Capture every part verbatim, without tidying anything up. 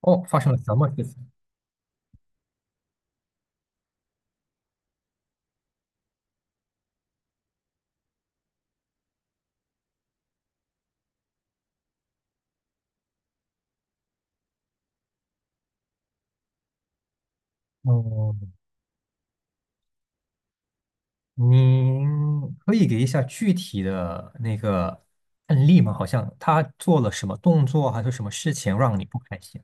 哦，发生了什么事情？哦，您可以给一下具体的那个案例吗？好像他做了什么动作，还是什么事情让你不开心？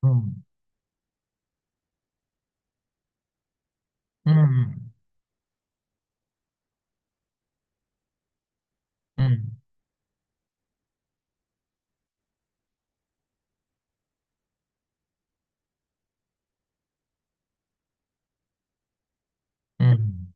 嗯嗯嗯嗯。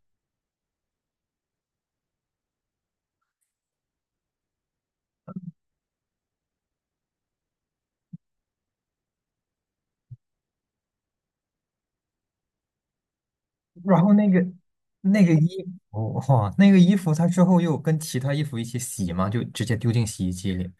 然后那个那个衣服，哇，那个衣服，他之后又跟其他衣服一起洗吗？就直接丢进洗衣机里？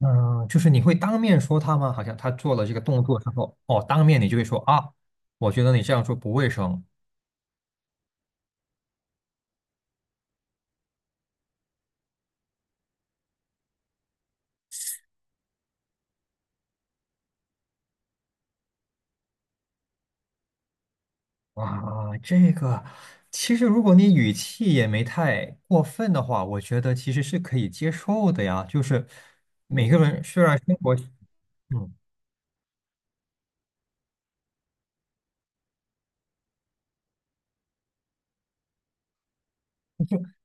嗯，就是你会当面说他吗？好像他做了这个动作之后，哦，当面你就会说啊，我觉得你这样做不卫生。哇，这个其实如果你语气也没太过分的话，我觉得其实是可以接受的呀。就是每个人虽然生活，嗯，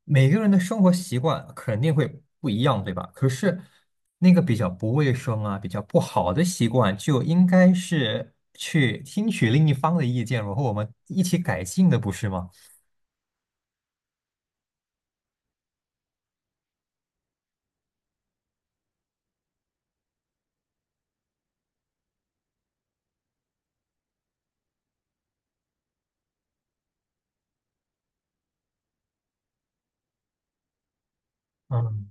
每个人的生活习惯肯定会不一样，对吧？可是那个比较不卫生啊，比较不好的习惯，就应该是去听取另一方的意见，然后我们一起改进的，不是吗？嗯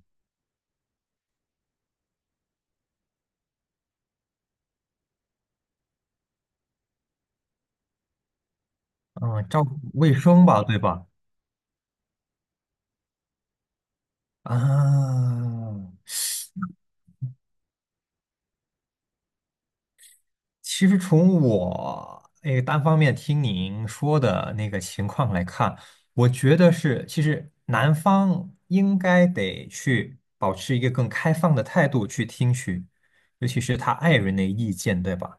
嗯，照顾卫生吧，对吧？啊。其实从我那个单方面听您说的那个情况来看，我觉得是，其实男方应该得去保持一个更开放的态度去听取，尤其是他爱人的意见，对吧？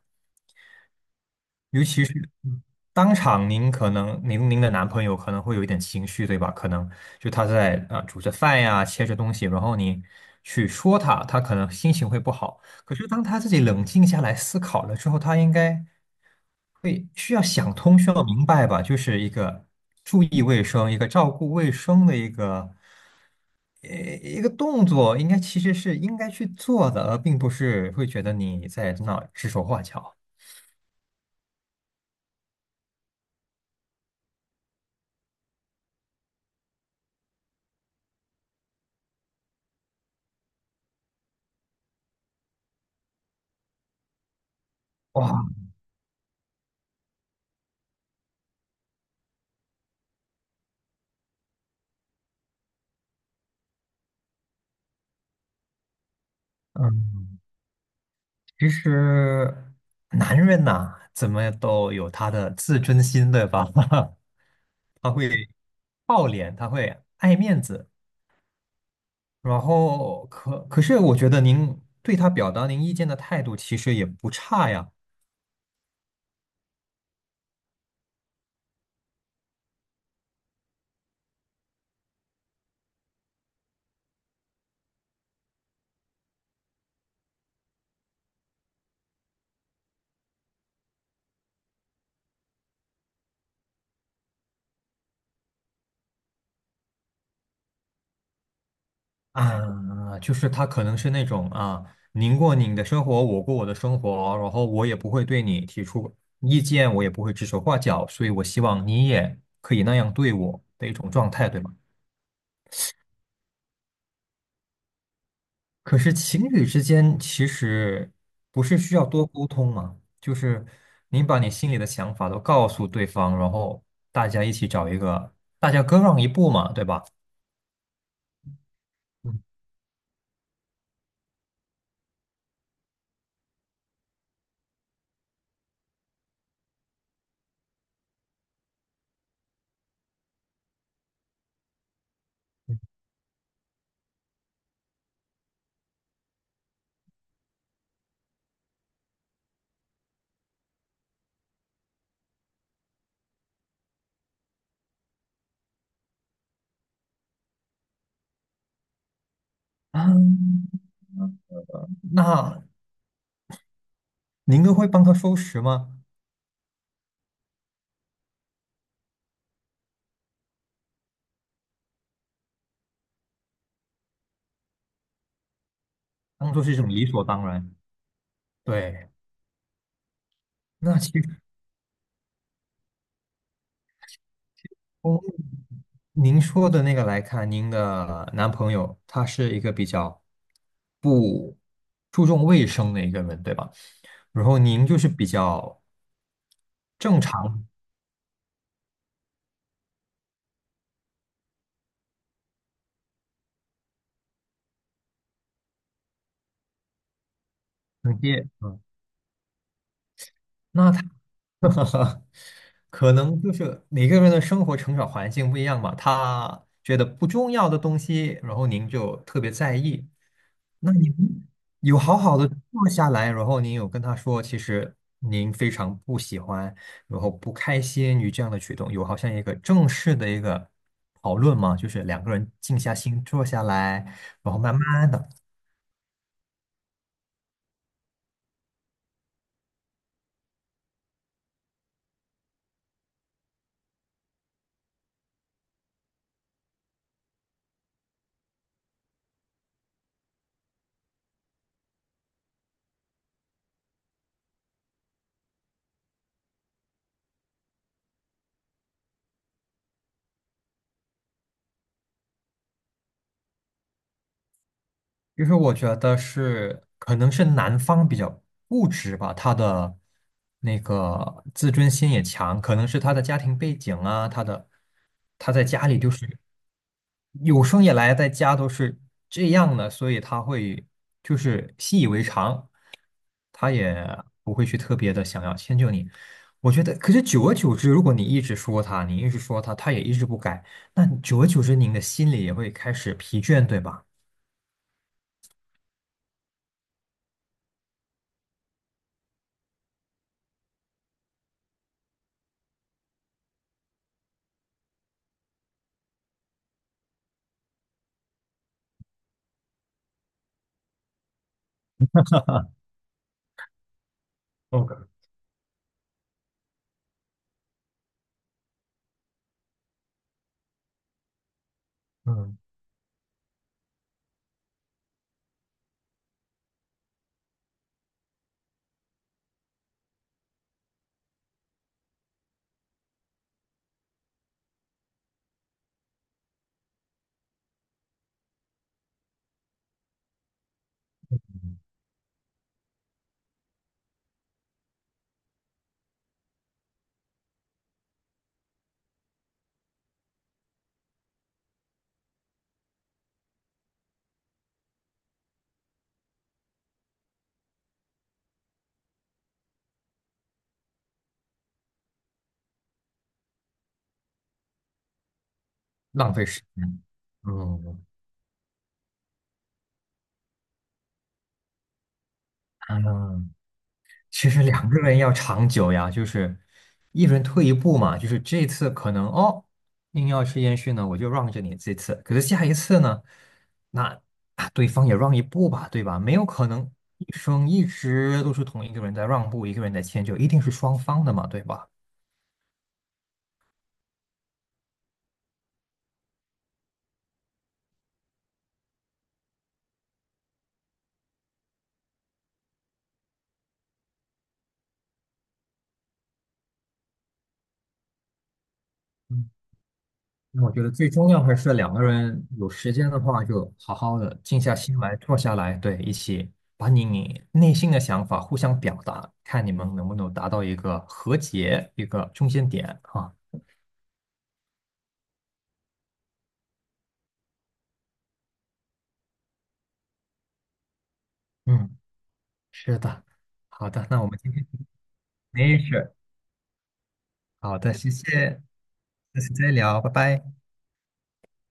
当场您可能您您的男朋友可能会有一点情绪，对吧？可能就他在啊、呃煮着饭呀，切着东西，然后你去说他，他可能心情会不好。可是当他自己冷静下来思考了之后，他应该会需要想通，需要明白吧？就是一个注意卫生，一个照顾卫生的一个呃一个动作，应该其实是应该去做的，而并不是会觉得你在那指手画脚。哇，嗯。其实男人呐、怎么都有他的自尊心，对吧？他会好脸，他会爱面子，然后可可是我觉得您对他表达您意见的态度其实也不差呀。啊，就是他可能是那种啊，您过您的生活，我过我的生活，然后我也不会对你提出意见，我也不会指手画脚，所以我希望你也可以那样对我的一种状态，对吗？可是情侣之间其实不是需要多沟通吗？就是你把你心里的想法都告诉对方，然后大家一起找一个，大家各让一步嘛，对吧？嗯，嗯那您都会帮他收拾吗？当做是一种理所当然。对，那其实。从您说的那个来看，您的男朋友他是一个比较不注重卫生的一个人，对吧？然后您就是比较正常直接，嗯，那他 可能就是每个人的生活成长环境不一样嘛，他觉得不重要的东西，然后您就特别在意，那你们有好好的坐下来，然后您有跟他说，其实您非常不喜欢，然后不开心于这样的举动，有好像一个正式的一个讨论吗？就是两个人静下心坐下来，然后慢慢的，就是我觉得是可能是男方比较固执吧，他的那个自尊心也强，可能是他的家庭背景啊，他的他在家里就是。有生以来在家都是这样的，所以他会就是习以为常，他也不会去特别的想要迁就你。我觉得，可是久而久之，如果你一直说他，你一直说他，他也一直不改，那你久而久之，您的心里也会开始疲倦，对吧？OK，嗯浪费时间。嗯，嗯，其实两个人要长久呀，就是一人退一步嘛，就是这次可能哦，硬要吃烟熏呢，我就让着你这次，可是下一次呢，那啊对方也让一步吧，对吧？没有可能一生一直都是同一个人在让步，一个人在迁就，一定是双方的嘛，对吧？嗯那我觉得最重要还是两个人有时间的话，就好好的静下心来，坐下来，对，一起把你你内心的想法互相表达，看你们能不能达到一个和解，一个中间点啊。嗯，是的，好的，那我们今天没事，好的，谢谢，下次再聊，拜拜。